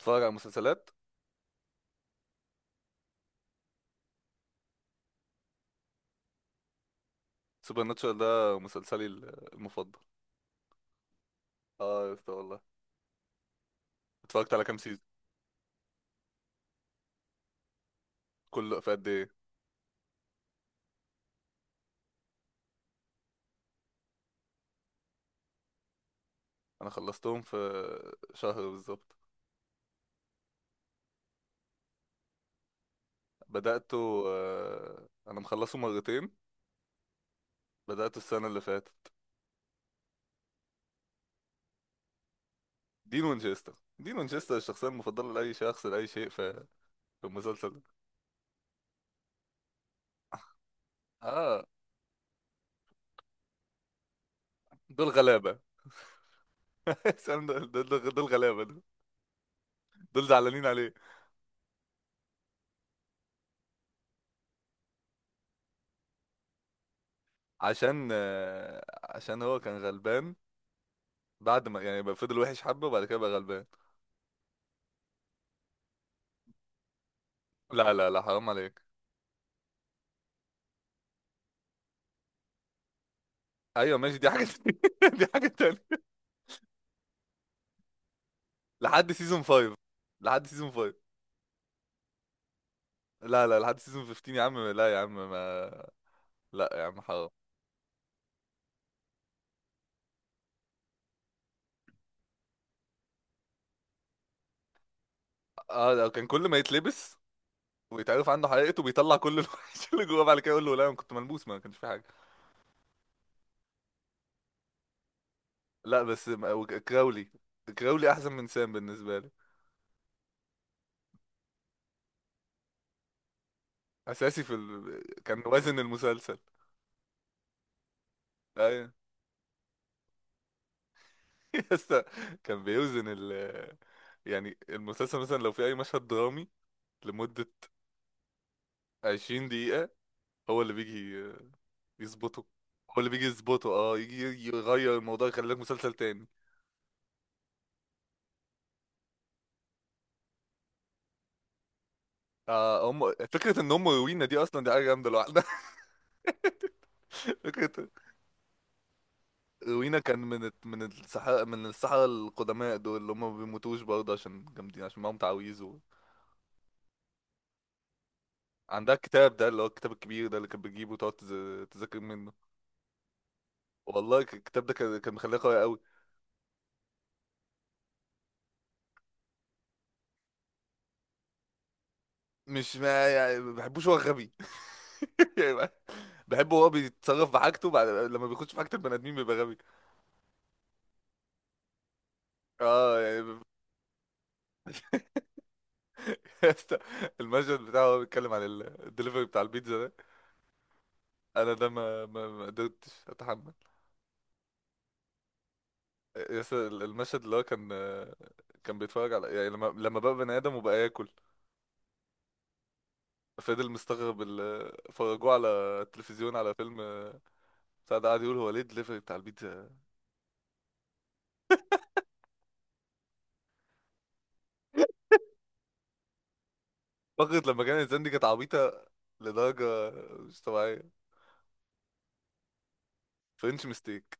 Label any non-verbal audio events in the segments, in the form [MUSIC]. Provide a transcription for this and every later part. اتفرج على مسلسلات. سوبر ناتشورال ده مسلسلي المفضل. اه يا اسطى، والله. اتفرجت على كام سيزون؟ كله في قد ايه؟ انا خلصتهم في شهر بالظبط. بدأته، انا مخلصه مرتين. بدأته السنة اللي فاتت. دين وينشستر. دين وينشستر الشخصية المفضلة لأي شخص لأي شيء في المسلسل ده. اه، دول غلابة. [LAUGHS] سام دول غلابة دول. دول زعلانين عليه. عشان هو كان غلبان. بعد ما، يعني، بقى فضل وحش حبة، وبعد كده بقى غلبان. لا لا لا، حرام عليك. ايوه ماشي، دي حاجه [LAUGHS] تانية. دي حاجه تانية. لحد سيزون 5. لحد سيزون 5. لا لا، لحد سيزون 15 يا عم. لا يا عم، ما. لا يا عم، حرام. اه، ده كان كل ما يتلبس ويتعرف عنده حقيقته بيطلع كل [LAUGHS] الوحش اللي جواه. بعد كده يقول له لا، انا كنت ملبوس، ما كانش في حاجه. لا، بس كراولي. كراولي احسن من سام بالنسبه لي. اساسي في كان وزن المسلسل. ايوه [LAUGHS] يسا. كان بيوزن ال. يعني المسلسل مثلا، لو في اي مشهد درامي لمده 20 دقيقة، هو اللي بيجي يظبطه هو اللي بيجي يظبطه. اه يجي يغير الموضوع، يخلي لك مسلسل تاني. هم فكرة ان هم روينا دي اصلا، دي حاجة جامدة لوحدها. [LAUGHS] فكرة. روينا كان من من السحرة القدماء دول، اللي هم ما بيموتوش برضه عشان جامدين، عشان معاهم تعاويذ و... عندها الكتاب ده، اللي هو الكتاب الكبير ده اللي كانت بتجيبه وتقعد تذاكر منه. والله، الكتاب ده كان مخليها قوية قوي. مش ما، يعني، ما بحبوش، هو غبي. [LAUGHS] يعني. بحبه، هو بيتصرف بحاجته، بعد لما بيخش في حاجة البني آدمين بيبقى غبي. اه، يعني. [LAUGHS] المشهد بتاعه وهو بيتكلم عن الدليفري بتاع البيتزا ده. انا ده ما قدرتش اتحمل. يس، المشهد اللي هو كان بيتفرج على، يعني، لما بقى بني ادم وبقى ياكل. فضل مستغرب فرجوه على التلفزيون على فيلم بتاع ده، قعد يقول هو ليه الدليفري بتاع البيتزا. فقرة لما كانت زندي كانت عبيطة لدرجة مش طبيعية. فرنش ميستيك،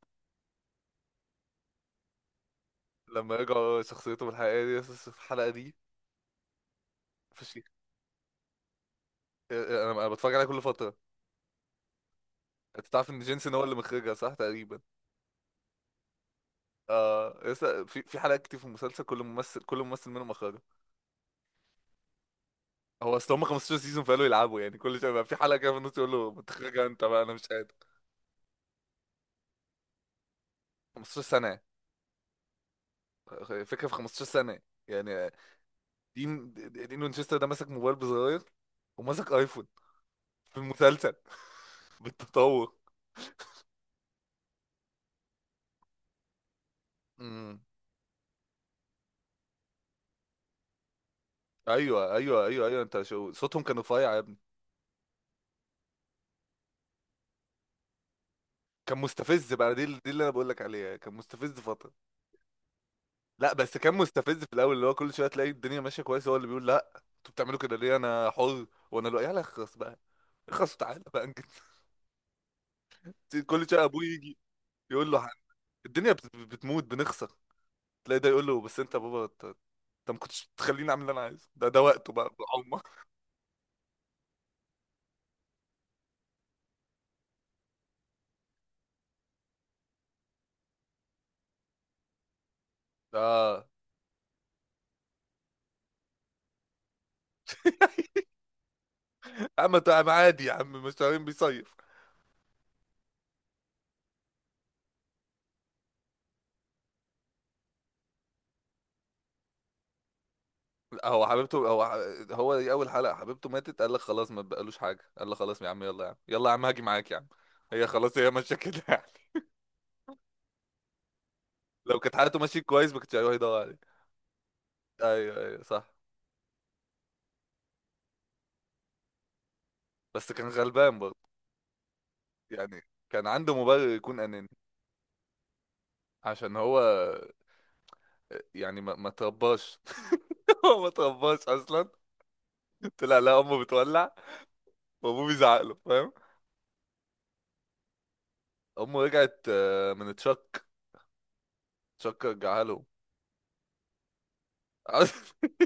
لما رجعوا شخصيته الحقيقية دي. يس، الحلقة دي فشيخ. انا بتفرج عليها كل فترة. انت تعرف ان جينسون هو اللي مخرجها، صح؟ تقريبا. اه، لسه في حلقات كتير في المسلسل، كل ممثل منهم مخرجها. هو اصل هم 15 سيزون، فقالوا يلعبوا، يعني كل شويه بقى في حلقه كده في النص يقول له ما تخرجها انت بقى، انا مش قادر. 15 سنه. فكره، في 15 سنه، يعني، دين وينشستر ده ماسك موبايل بزراير وماسك ايفون في المسلسل. [LAUGHS] بالتطور. امم. ايوه ايوه ايوه ايوه، انت شو صوتهم كان رفيع يا ابني. كان مستفز بقى. دي اللي انا بقول لك عليها، كان مستفز فتره. لا، بس كان مستفز في الاول، اللي هو كل شويه تلاقي الدنيا ماشيه كويس هو اللي بيقول لا، انتوا بتعملوا كده ليه، انا حر، وانا لو يلا اخلص بقى. اخلص وتعالى بقى انجز. [LAUGHS] كل شويه ابوه يجي يقول له الدنيا بتموت، بنخسر. تلاقي ده يقول له بس انت يا بابا، انت ما كنتش تخليني اعمل اللي انا عايزه، ده وقته بقى بالعمر. اه. [LAUGHS] يا عم، تعب عادي يا عم، مش تعبان بيصيف. لا، هو حبيبته، هو دي اول حلقه حبيبته ماتت، قال لك خلاص ما بقالوش حاجه، قال لك خلاص يا عم، يلا يا عم، يلا يا عم هاجي معاك يا عم. هي خلاص، هي ماشيه كده. [LAUGHS] لو كانت حالته ماشية كويس ما كانش هيروح يدور عليه. ايوه ايوه صح. بس كان غلبان برضه. يعني كان عنده مبرر يكون اناني. عشان هو، يعني، ما ترباش. [LAUGHS] هو ما ترباش اصلا. طلع لا امه بتولع، وابوه بيزعق له، فاهم. امه رجعت من تشك. تشك رجعها له. [LAUGHS]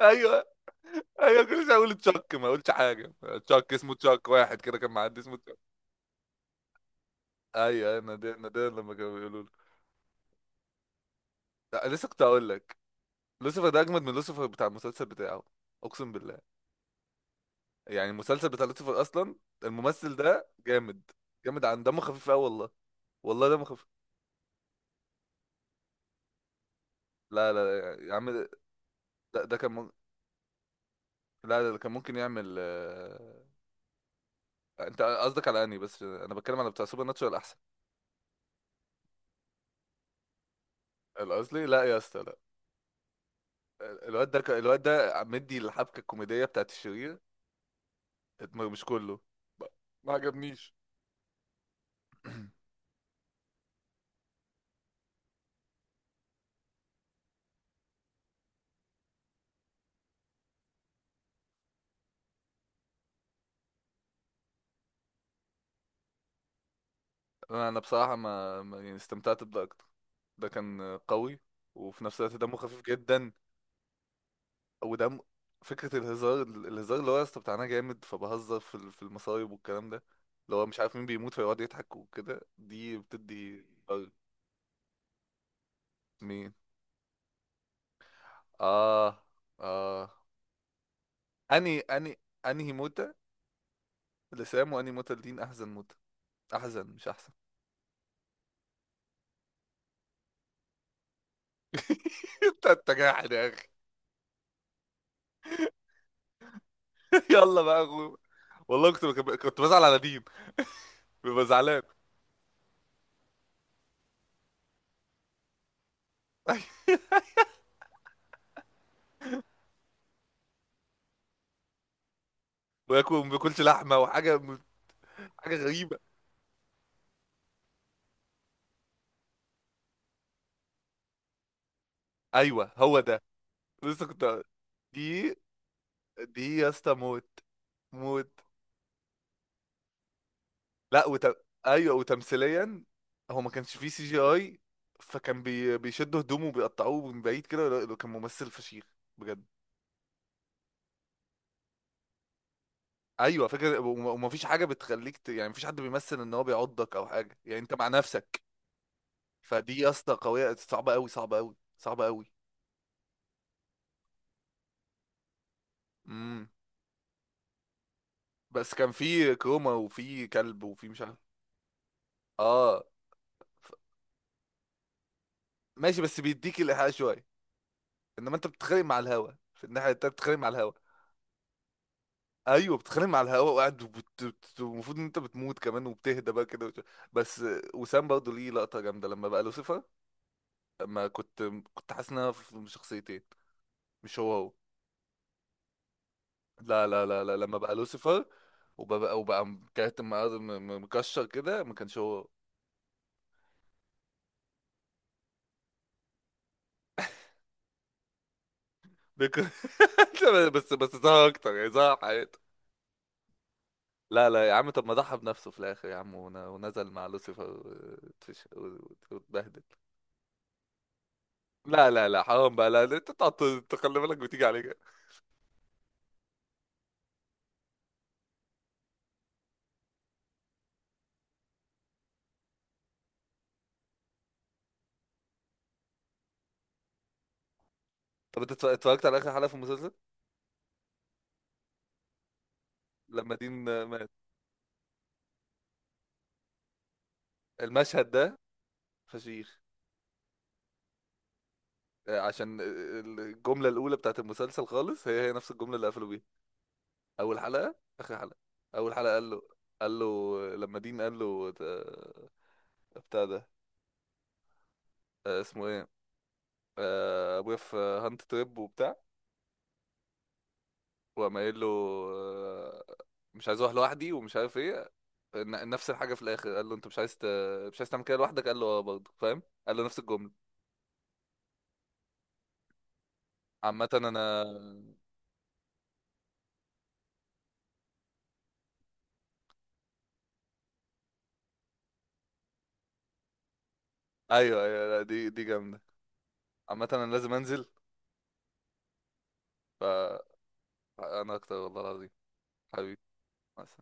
ايوه ايوه، كل شويه اقول تشك ما اقولش حاجه. تشك، اسمه تشك، واحد كده كان معدي اسمه تشك. ايوه ايوه، نادر نادر لما كانوا بيقولوا له. لا، لسه كنت اقول لك، لوسيفر ده اجمد من لوسيفر بتاع المسلسل بتاعه. اقسم بالله. يعني المسلسل بتاع لوسيفر اصلا، الممثل ده جامد. جامد، عن دمه خفيف قوي والله. والله دمه خفيف. لا لا لا، يا عم. ده كان لا لا، ده كان ممكن يعمل انت قصدك، على اني، بس انا بتكلم على بتاع سوبر ناتشورال احسن. الاصلي، لا يا اسطى، لا. الواد ده مدي الحبكه الكوميديه بتاعت الشرير. مش كله. ما ما عجبنيش. انا بصراحه، يعني استمتعت بده اكتر. ده كان قوي. وفي نفس الوقت دمه خفيف جدا. ودم فكره الهزار، الهزار اللي هو يا اسطى بتاعنا جامد، فبهزر في في المصايب والكلام ده، اللي هو مش عارف مين بيموت فيقعد يضحك وكده، دي بتدي فرق. مين؟ اه، اه. اني انهي موتة لسام، وانهي موتة لدين، احزن موتة. احزن، مش احسن. [LAUGHS] انت جاحد يا اخي. [LAUGHS] يلا بقى يا اخو. والله، كنت بزعل على دين. ببقى زعلان. [LAUGHS] وياكل ما بياكلش لحمه وحاجه. حاجه غريبه. ايوه هو ده. لسه كنت. دي دي يا اسطى موت. موت. لا ايوه، وتمثيليا. هو ما كانش فيه سي جي اي. فكان بيشدوا هدومه وبيقطعوه من بعيد كده. لا، كان ممثل فشيخ بجد. ايوه فكره. وما فيش حاجه بتخليك يعني مفيش حد بيمثل ان هو بيعضك او حاجه، يعني انت مع نفسك. فدي يا اسطى قويه، صعبه قوي، صعبه قوي، صعبه قوي. امم. بس كان في كروما، وفي كلب، وفي مش عارف. اه ماشي، بس بيديك الإيحاء شوية. إنما أنت بتتخانق مع الهوا في الناحية التانية، بتتخانق مع الهوا. أيوه، بتتخانق مع الهوا وقاعد، المفروض إن أنت بتموت كمان، وبتهدى بقى كده بس. وسام برضه ليه لقطة جامدة لما بقى لوسيفر. لما كنت، كنت حاسس إن أنا في شخصيتين، مش هو هو. لا لا لا لا، لما بقى لوسيفر وبقى كاتم مكشر كده، ما كانش هو هو. [LAUGHS] بيك- [LAUGHS] بس ظهر أكتر، يعني ظهر حقيقي. لا لا يا عم، طب ما ضحى بنفسه في الاخر يا عم، ونزل مع لوسيفر واتبهدل. لا لا لا، حرام بقى. لا لا، انت تقعد تخلي بالك وتيجي عليك. طب انت اتفرجت على اخر حلقة في المسلسل؟ لما دين مات. المشهد ده فشيخ. عشان الجملة الأولى بتاعت المسلسل خالص هي هي نفس الجملة اللي قفلوا بيها. أول حلقة، آخر حلقة. أول حلقة قال له لما دين قال له بتاع ده، اسمه ايه، ابويا في هانت تريب وبتاع. وقام قايل له آه، مش عايز اروح لوحدي ومش عارف ايه. نفس الحاجه في الاخر قال له انت مش عايز مش عايز تعمل كده لوحدك. قال له اه، برضه فاهم، قال له نفس الجمله. عامه انا. ايوه ايوه لا، دي جامده. عامه انا لازم انزل. فانا اكتر والله العظيم. حبيبي. مع السلامة.